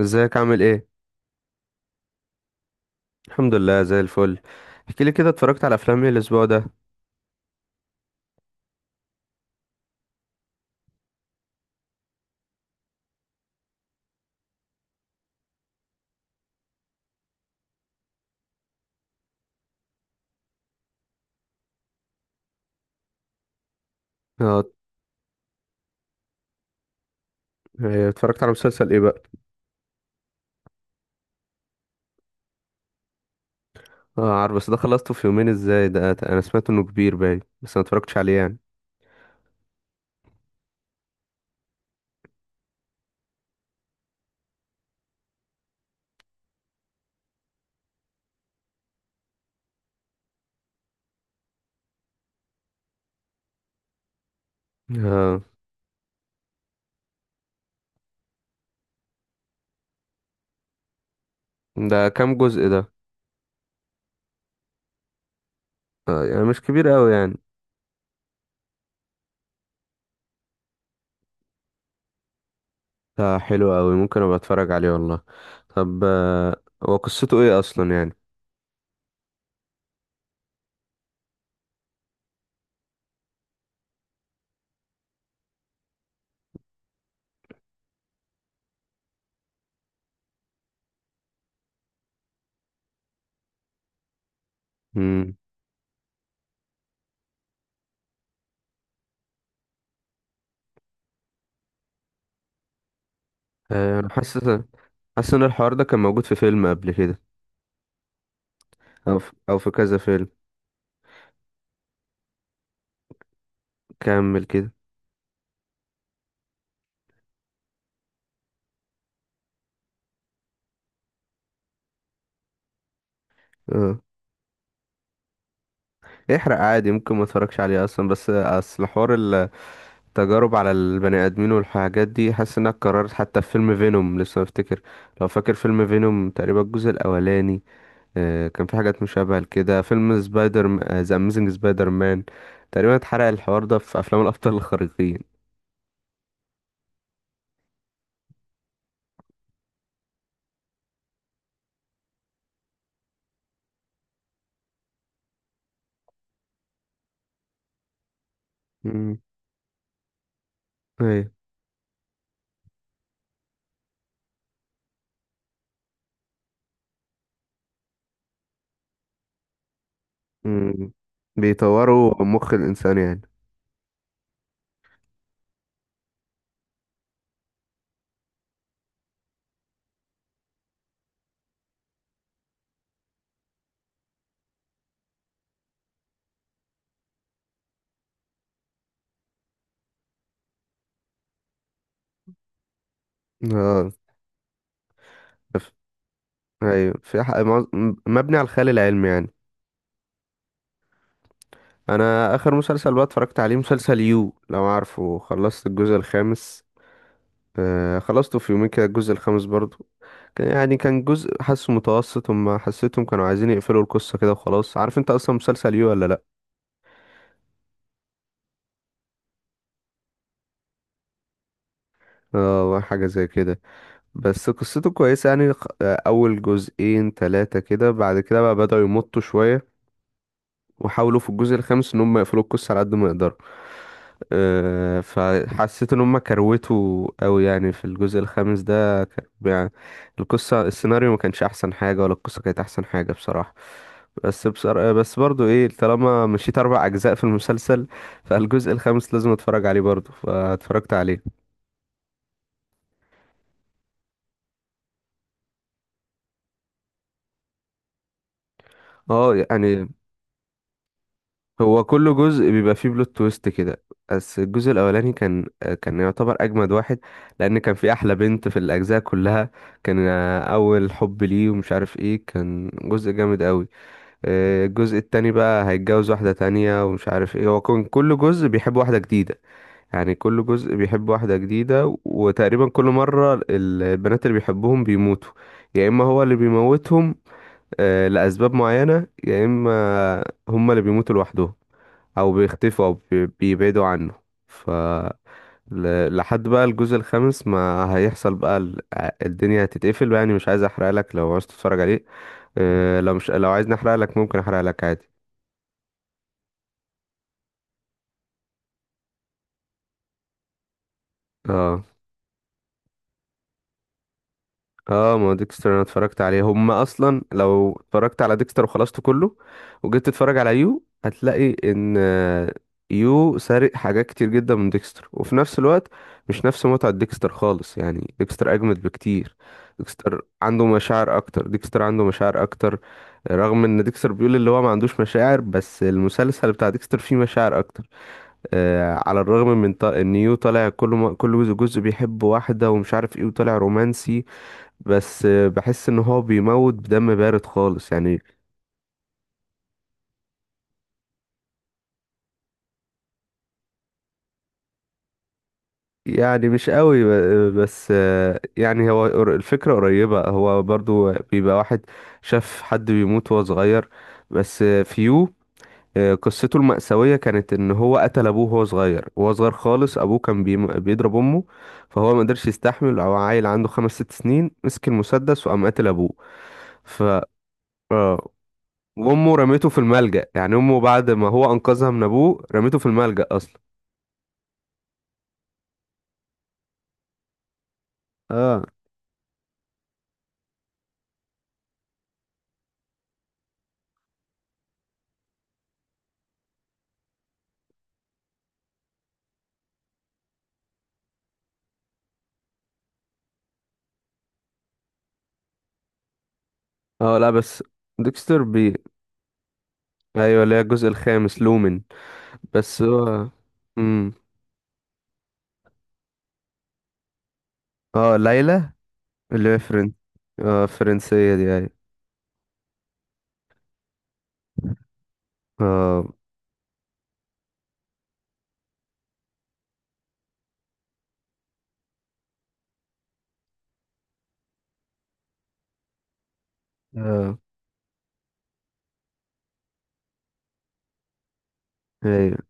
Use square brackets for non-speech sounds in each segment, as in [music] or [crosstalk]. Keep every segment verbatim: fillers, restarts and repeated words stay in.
ازيك عامل ايه؟ الحمد لله، زي الفل. احكي لي كده، اتفرجت على افلام ايه الاسبوع ده؟ اه. إيه، اتفرجت على مسلسل ايه بقى؟ اه عارف، بس ده خلصته في يومين ازاي؟ ده انا سمعت انه كبير باين، بس ما اتفرجتش عليه يعني. اه. ده كام جزء ده؟ اه، يعني مش كبير قوي يعني. ده حلو قوي، ممكن ابقى اتفرج عليه والله. طب، آه، هو قصته ايه اصلا يعني؟ امم. آه، انا حاسس حاسس ان الحوار ده كان موجود في فيلم قبل كده. او في... او في كذا فيلم. كمل كده. اه، احرق عادي، ممكن ما اتفرجش عليه اصلا، بس آه، اصل حوار ال- التجارب على البني ادمين والحاجات دي، حاسس انها اتكررت حتى في فيلم فينوم، لسه بفتكر لو فاكر فيلم فينوم تقريبا الجزء الاولاني. آه، كان في حاجات مشابهة لكده، فيلم سبايدر، ذا أميزنج سبايدر مان، تقريبا اتحرق الحوار ده في أفلام الأبطال الخارقين. مم. أيوة. مم. بيطوروا مخ الإنسان يعني. اه. ف- أيوة، في ح- معظ- م- مبني على الخيال العلمي يعني. أنا آخر مسلسل بقى اتفرجت عليه مسلسل يو، لو عارفه، خلصت الجزء الخامس. آه خلصته في يومين كده الجزء الخامس برضو. كان- يعني كان جزء حاسه متوسط، هما حسيتهم كانوا عايزين يقفلوا القصة كده وخلاص. عارف انت اصلا مسلسل يو ولا لأ؟ اه حاجة زي كده. بس قصته كويسة يعني، خ- آه، أول جزئين تلاتة كده، بعد كده بقى بدأوا يمطوا شوية، وحاولوا في الجزء الخامس إن هم يقفلوا القصة على قد ما يقدروا. آه، فحسيت إن هم كروتوا أوي يعني في الجزء الخامس ده، كان يعني القصة السيناريو ما كانش أحسن حاجة ولا القصة كانت أحسن حاجة بصراحة. بس بصراحة، بس برضو إيه، طالما مشيت أربع أجزاء في المسلسل، فالجزء الخامس لازم أتفرج عليه برضو، فاتفرجت عليه. اه، يعني هو كل جزء بيبقى فيه بلوت تويست كده، بس الجزء الاولاني كان كان يعتبر اجمد واحد، لان كان في احلى بنت في الاجزاء كلها. كان اول حب ليه ومش عارف ايه، كان جزء جامد قوي. آه، الجزء التاني بقى هيتجوز واحدة تانية ومش عارف ايه، هو كان كل جزء بيحب واحدة جديدة. يعني كل جزء بيحب واحدة جديدة، وتقريبا كل مرة ال- البنات اللي بيحبهم بيموتوا، يا اما هو اللي بيموتهم آه، لأسباب معينة، يا اما هما اللي بيموتوا لوحدهم، او بيختفوا، او بي- بيبعدوا عنه. ف ل- لحد بقى الجزء الخامس ما هيحصل بقى ال- الدنيا هتتقفل بقى، يعني مش عايز احرق لك لو عايز تتفرج عليه. أه لو مش لو عايز نحرق لك، ممكن احرق لك عادي. اه. اه، ما هو ديكستر انا اتفرجت عليه، هم اصلا لو اتفرجت على ديكستر وخلصته كله وجيت تتفرج على يو هتلاقي ان آه، يو سارق حاجات كتير جدا من ديكستر، وفي نفس الوقت مش نفس متعة ديكستر خالص، يعني ديكستر اجمد بكتير. ديكستر عنده مشاعر اكتر ديكستر عنده مشاعر اكتر، رغم ان ديكستر بيقول اللي هو ما عندوش مشاعر، بس المسلسل بتاع ديكستر فيه مشاعر اكتر. آه، على الرغم من ط- ان يو طالع كل ما كل جزء جزء بيحب واحدة ومش عارف ايه وطالع رومانسي، بس بحس ان هو بيموت بدم بارد خالص يعني. يعني مش قوي ب- بس، يعني هو قر- الفكرة قريبة، هو برضو بيبقى واحد شاف حد بيموت وهو صغير. بس فيو قصته المأساوية كانت ان هو قتل ابوه وهو صغير، وهو صغير خالص، ابوه كان بيم- بيضرب امه، فهو ما قدرش يستحمل، او عيل عنده خمس ست سنين مسك المسدس وقام قتل ابوه. ف آه، وامه رميته في الملجأ، يعني امه بعد ما هو انقذها من ابوه رميته في الملجأ اصلا. اه. اه، لا بس، ديكستر بي ايوه، اللي هي الجزء الخامس لومن، بس هو. امم. اه، ليلى، اللي هي فرن. اه، فرنسية دي، ايوه. اه. اه. ايوه.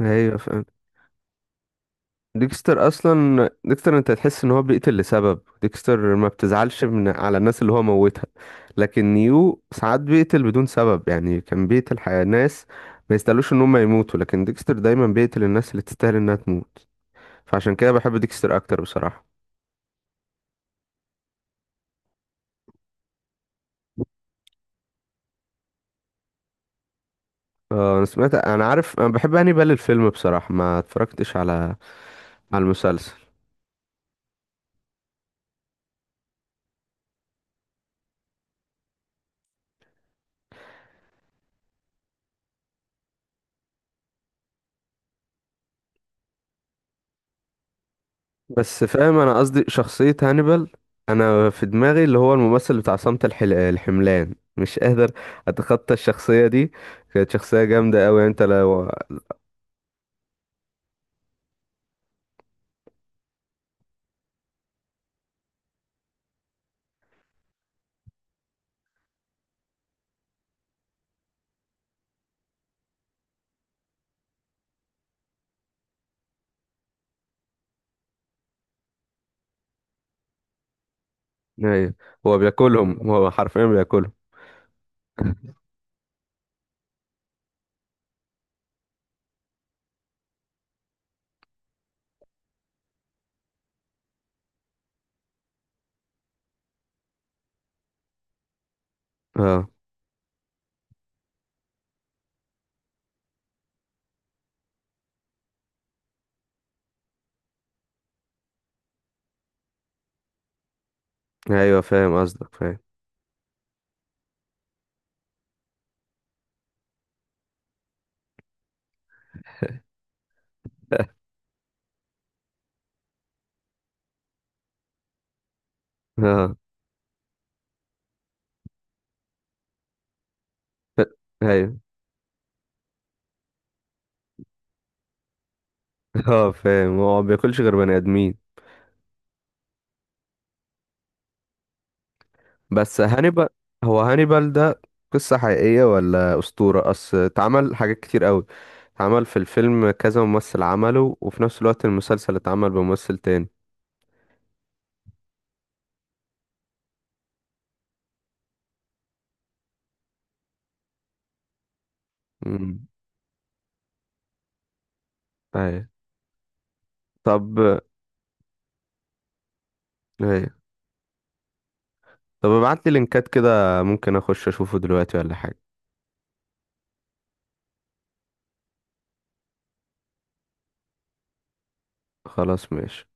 ايوه فاهم. ديكستر اصلا، ديكستر انت تحس ان هو بيقتل لسبب، ديكستر ما بتزعلش من على الناس اللي هو موتها. لكن نيو ساعات بيقتل بدون سبب، يعني كان بيقتل حي- ناس ما يستاهلوش ان هم يموتوا، لكن ديكستر دايما بيقتل الناس اللي تستاهل انها تموت. فعشان كده بحب ديكستر اكتر بصراحة. اه، انا سمعت، انا عارف، انا بحب هانيبال الفيلم، بصراحة ما اتفرجتش على على المسلسل. بس فاهم، انا قصدي شخصية هانيبال، انا في دماغي اللي هو الممثل بتاع صمت الحل... الحملان، مش قادر اتخطى الشخصية دي، كانت شخصية جامدة قوي انت لو. ايوه. هو بياكلهم هو حرفيا بياكلهم اه، ايوه فاهم قصدك، فاهم. [laughs] اه، ايوه. اه فاهم، هو ما بياكلش غير بني ادمين. بس هانيبال، هو هانيبال ده قصة حقيقية ولا أسطورة؟ أصل اتعمل حاجات كتير قوي، اتعمل في الفيلم كذا ممثل عمله، وفي نفس الوقت المسلسل اتعمل بممثل تاني. امم. ايوه. طب. ايوه. طب ابعت لي لينكات كده، ممكن اخش اشوفه دلوقتي ولا حاجة. خلاص ماشي.